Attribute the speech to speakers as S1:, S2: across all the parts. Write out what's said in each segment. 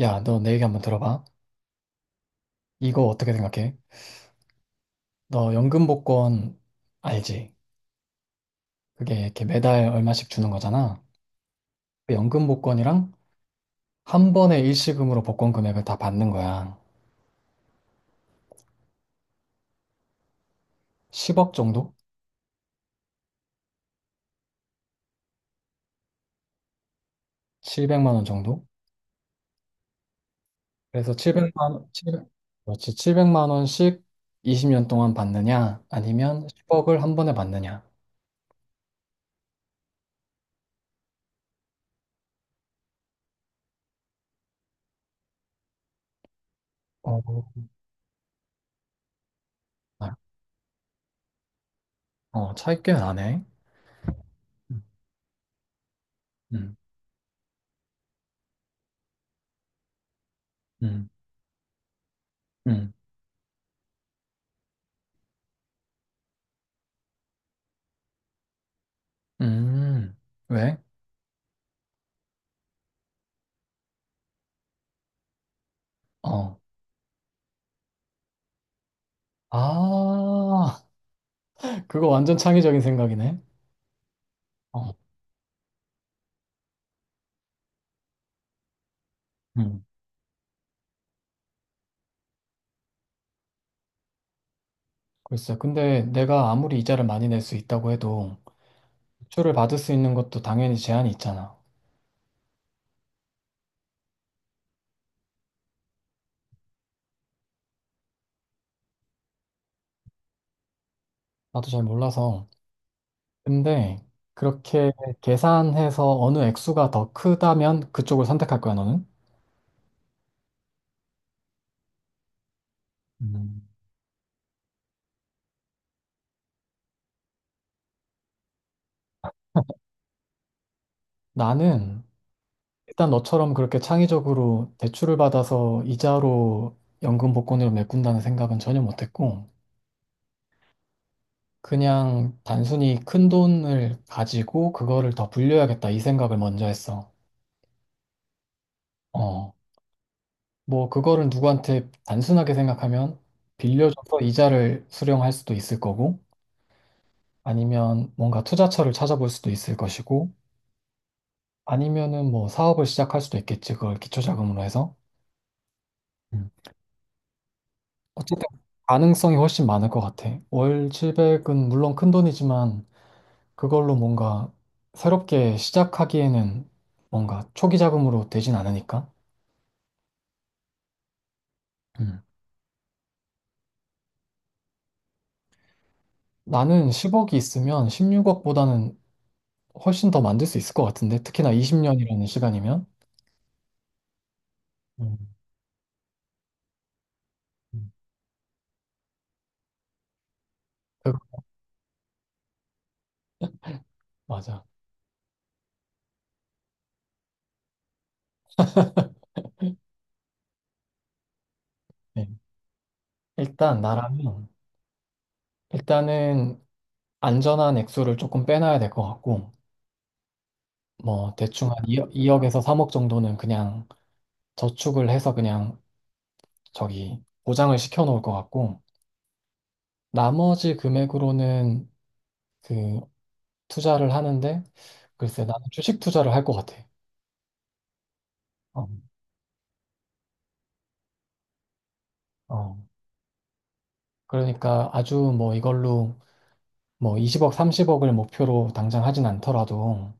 S1: 야, 너 내 얘기 한번 들어봐. 이거 어떻게 생각해? 너 연금복권 알지? 그게 이렇게 매달 얼마씩 주는 거잖아. 그 연금복권이랑 한 번에 일시금으로 복권 금액을 다 받는 거야. 10억 정도? 700만 원 정도? 그래서 700만 원, 7 0 그렇지. 만 원씩 20년 동안 받느냐? 아니면 10억을 한 번에 받느냐? 어, 아, 어, 차이 꽤 나네. 음, 음, 음, 음. 음. 왜? 어. 아. 그거 완전 창의적인 생각이네. 어, 음, 글쎄, 근데 내가 아무리 이자를 많이 낼 수 있다고 해도 대출을 받을 수 있는 것도 당연히 제한이 있잖아. 나도 잘 몰라서. 근데 그렇게 계산해서 어느 액수가 더 크다면 그쪽을 선택할 거야, 너는? 음, 나는 일단 너처럼 그렇게 창의적으로 대출을 받아서 이자로 연금 복권으로 메꾼다는 생각은 전혀 못했고, 그냥 단순히 큰 돈을 가지고 그거를 더 불려야겠다 이 생각을 먼저 했어. 어, 뭐, 그거를 누구한테 단순하게 생각하면 빌려줘서 이자를 수령할 수도 있을 거고, 아니면 뭔가 투자처를 찾아볼 수도 있을 것이고, 아니면은 뭐 사업을 시작할 수도 있겠지. 그걸 기초자금으로 해서. 음. 어쨌든 가능성이 훨씬 많을 것 같아. 월 700은 물론 큰 돈이지만, 그걸로 뭔가 새롭게 시작하기에는 뭔가 초기 자금으로 되진 않으니까. 음. 나는 10억이 있으면 16억보다는 훨씬 더 만들 수 있을 것 같은데 특히나 20년이라는 시간이면 음, 음. 그- 맞아. 네. 일단 나라면 일단은 안전한 액수를 조금 빼놔야 될 것 같고 뭐 대충 한 2억, 에서 3억 정도는 그냥 저축을 해서 그냥 저기 보장을 시켜 놓을 것 같고 나머지 금액으로는 그 투자를 하는데 글쎄 나는 주식 투자를 할 것 같아. 어. 어. 그러니까 아주 뭐 이걸로 뭐 20억, 30억을 목표로 당장 하진 않더라도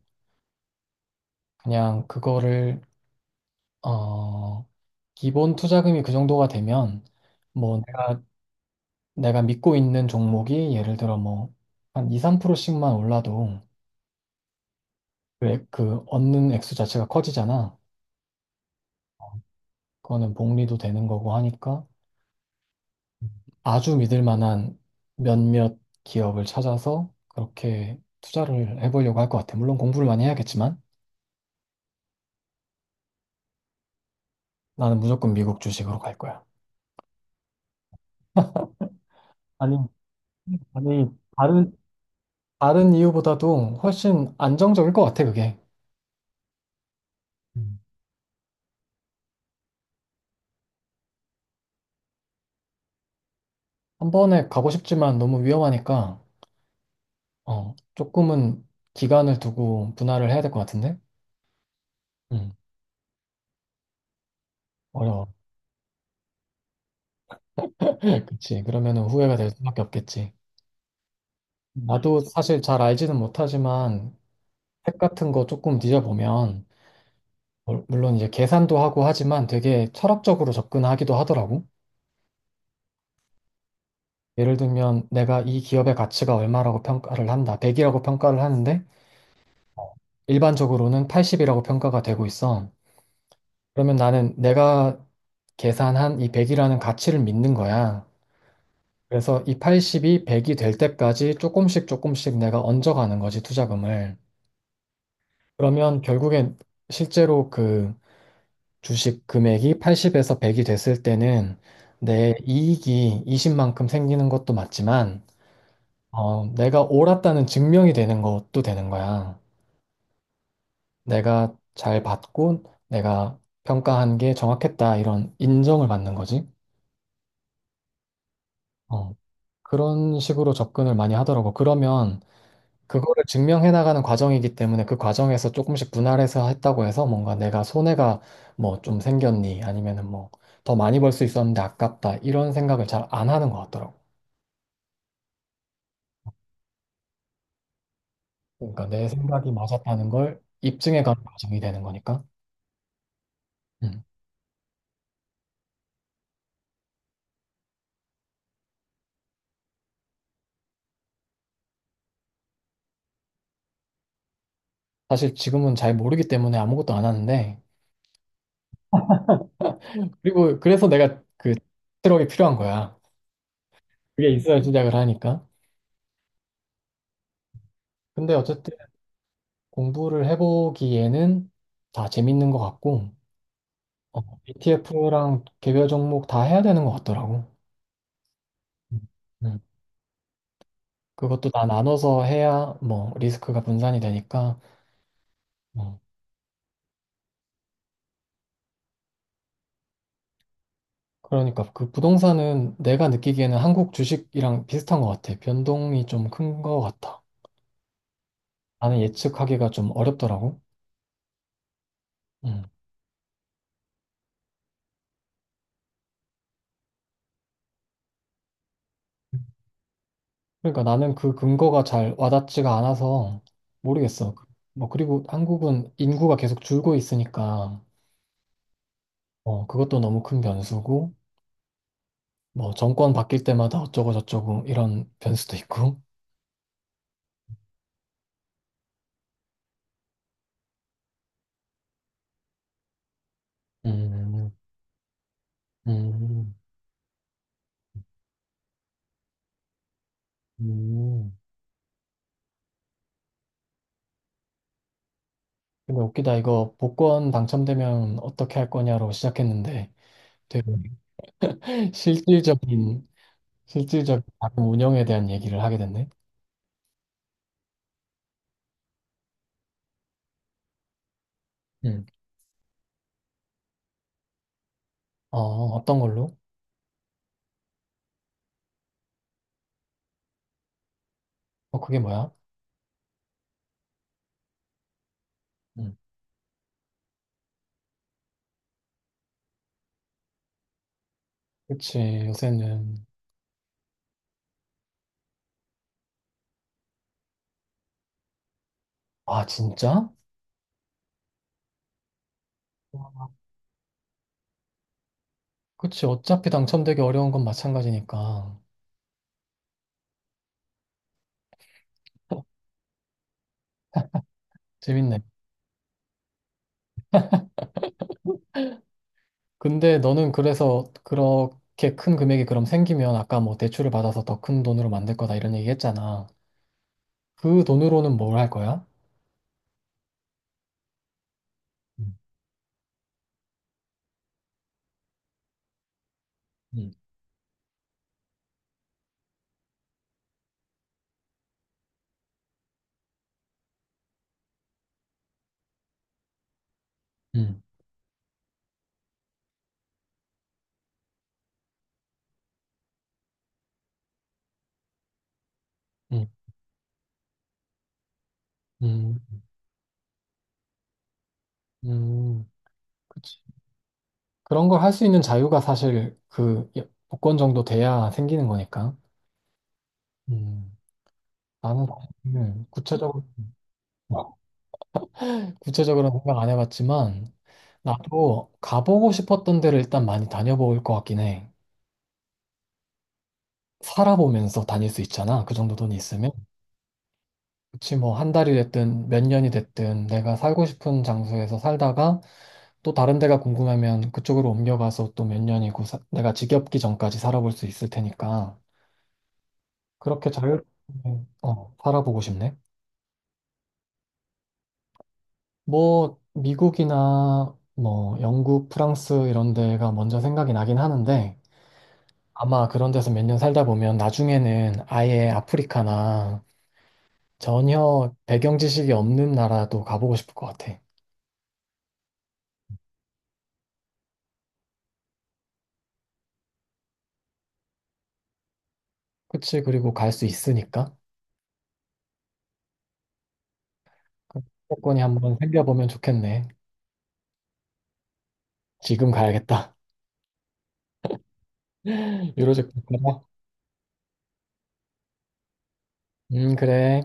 S1: 그냥 그거를 어, 기본 투자금이 그 정도가 되면 뭐 내가 믿고 있는 종목이 예를 들어 뭐 한 2, 3%씩만 올라도 그, 그 얻는 액수 자체가 커지잖아. 그거는 복리도 되는 거고 하니까 아주 믿을 만한 몇몇 기업을 찾아서 그렇게 투자를 해보려고 할 것 같아. 물론 공부를 많이 해야겠지만 나는 무조건 미국 주식으로 갈 거야. 아니, 아니, 다른, 다른 이유보다도 훨씬 안정적일 것 같아, 그게. 음. 한 번에 가고 싶지만 너무 위험하니까, 어, 조금은 기간을 두고 분할을 해야 될 것 같은데? 음, 어려워. 그치. 그러면은 후회가 될 수밖에 없겠지. 나도 사실 잘 알지는 못하지만, 책 같은 거 조금 뒤져보면, 물론 이제 계산도 하고 하지만 되게 철학적으로 접근하기도 하더라고. 예를 들면, 내가 이 기업의 가치가 얼마라고 평가를 한다. 100이라고 평가를 하는데, 일반적으로는 80이라고 평가가 되고 있어. 그러면 나는 내가 계산한 이 100이라는 가치를 믿는 거야. 그래서 이 80이 100이 될 때까지 조금씩 조금씩 내가 얹어가는 거지, 투자금을. 그러면 결국엔 실제로 그 주식 금액이 80에서 100이 됐을 때는 내 이익이 20만큼 생기는 것도 맞지만, 어, 내가 옳았다는 증명이 되는 것도 되는 거야. 내가 잘 받고 내가 평가한 게 정확했다 이런 인정을 받는 거지. 어, 그런 식으로 접근을 많이 하더라고. 그러면 그거를 증명해 나가는 과정이기 때문에 그 과정에서 조금씩 분할해서 했다고 해서 뭔가 내가 손해가 뭐 좀 생겼니 아니면은 뭐 더 많이 벌 수 있었는데 아깝다 이런 생각을 잘 안 하는 것 같더라고. 그러니까 내 생각이 맞았다는 걸 입증해 가는 과정이 되는 거니까. 음. 사실 지금은 잘 모르기 때문에 아무것도 안 하는데 그리고 그래서 내가 그트력이 필요한 거야. 그게 있어야 시작을 하니까. 근데 어쨌든 공부를 해보기에는 다 재밌는 것 같고, ETF랑 개별 종목 다 해야 되는 것 같더라고. 음. 음. 그것도 다 나눠서 해야 뭐 리스크가 분산이 되니까. 어, 그러니까 그 부동산은 내가 느끼기에는 한국 주식이랑 비슷한 것 같아. 변동이 좀 큰 것 같아. 나는 예측하기가 좀 어렵더라고. 음. 그러니까 나는 그 근거가 잘 와닿지가 않아서 모르겠어. 뭐 그리고 한국은 인구가 계속 줄고 있으니까 어 그것도 너무 큰 변수고 뭐 정권 바뀔 때마다 어쩌고 저쩌고 이런 변수도 있고. 음, 음, 음. 근데 웃기다 이거 복권 당첨되면 어떻게 할 거냐로 시작했는데 되게 실질적인 실질적인 다른 운영에 대한 얘기를 하게 됐네. 음. 어 어떤 걸로? 어 그게 뭐야? 음. 그치 요새는 아, 진짜? 그치. 어차피 당첨되기 어려운 건 마찬가지니까. 재밌네. 근데 너는 그래서 그렇게 큰 금액이 그럼 생기면 아까 뭐 대출을 받아서 더 큰 돈으로 만들 거다 이런 얘기 했잖아. 그 돈으로는 뭘 할 거야? 음, 음, 음, 음, 음, 음. 그치. 그런 걸 할 수 있는 자유가 사실 그 복권 정도 돼야 생기는 거니까. 음, 나는 사실 구체적으로, 생각 안 해봤지만 나도 가보고 싶었던 데를 일단 많이 다녀볼 것 같긴 해. 살아보면서 다닐 수 있잖아. 그 정도 돈이 있으면. 그치, 뭐, 한 달이 됐든, 몇 년이 됐든, 내가 살고 싶은 장소에서 살다가, 또 다른 데가 궁금하면 그쪽으로 옮겨가서 또 몇 년이고, 내가 지겹기 전까지 살아볼 수 있을 테니까. 그렇게 잘 어, 살아보고 싶네. 뭐, 미국이나, 뭐, 영국, 프랑스 이런 데가 먼저 생각이 나긴 하는데, 아마 그런 데서 몇 년 살다 보면 나중에는 아예 아프리카나 전혀 배경 지식이 없는 나라도 가보고 싶을 것 같아. 그치? 그리고 갈 수 있으니까. 그 조건이 한번 생겨보면 좋겠네. 지금 가야겠다. 유로족 가봐. 그래.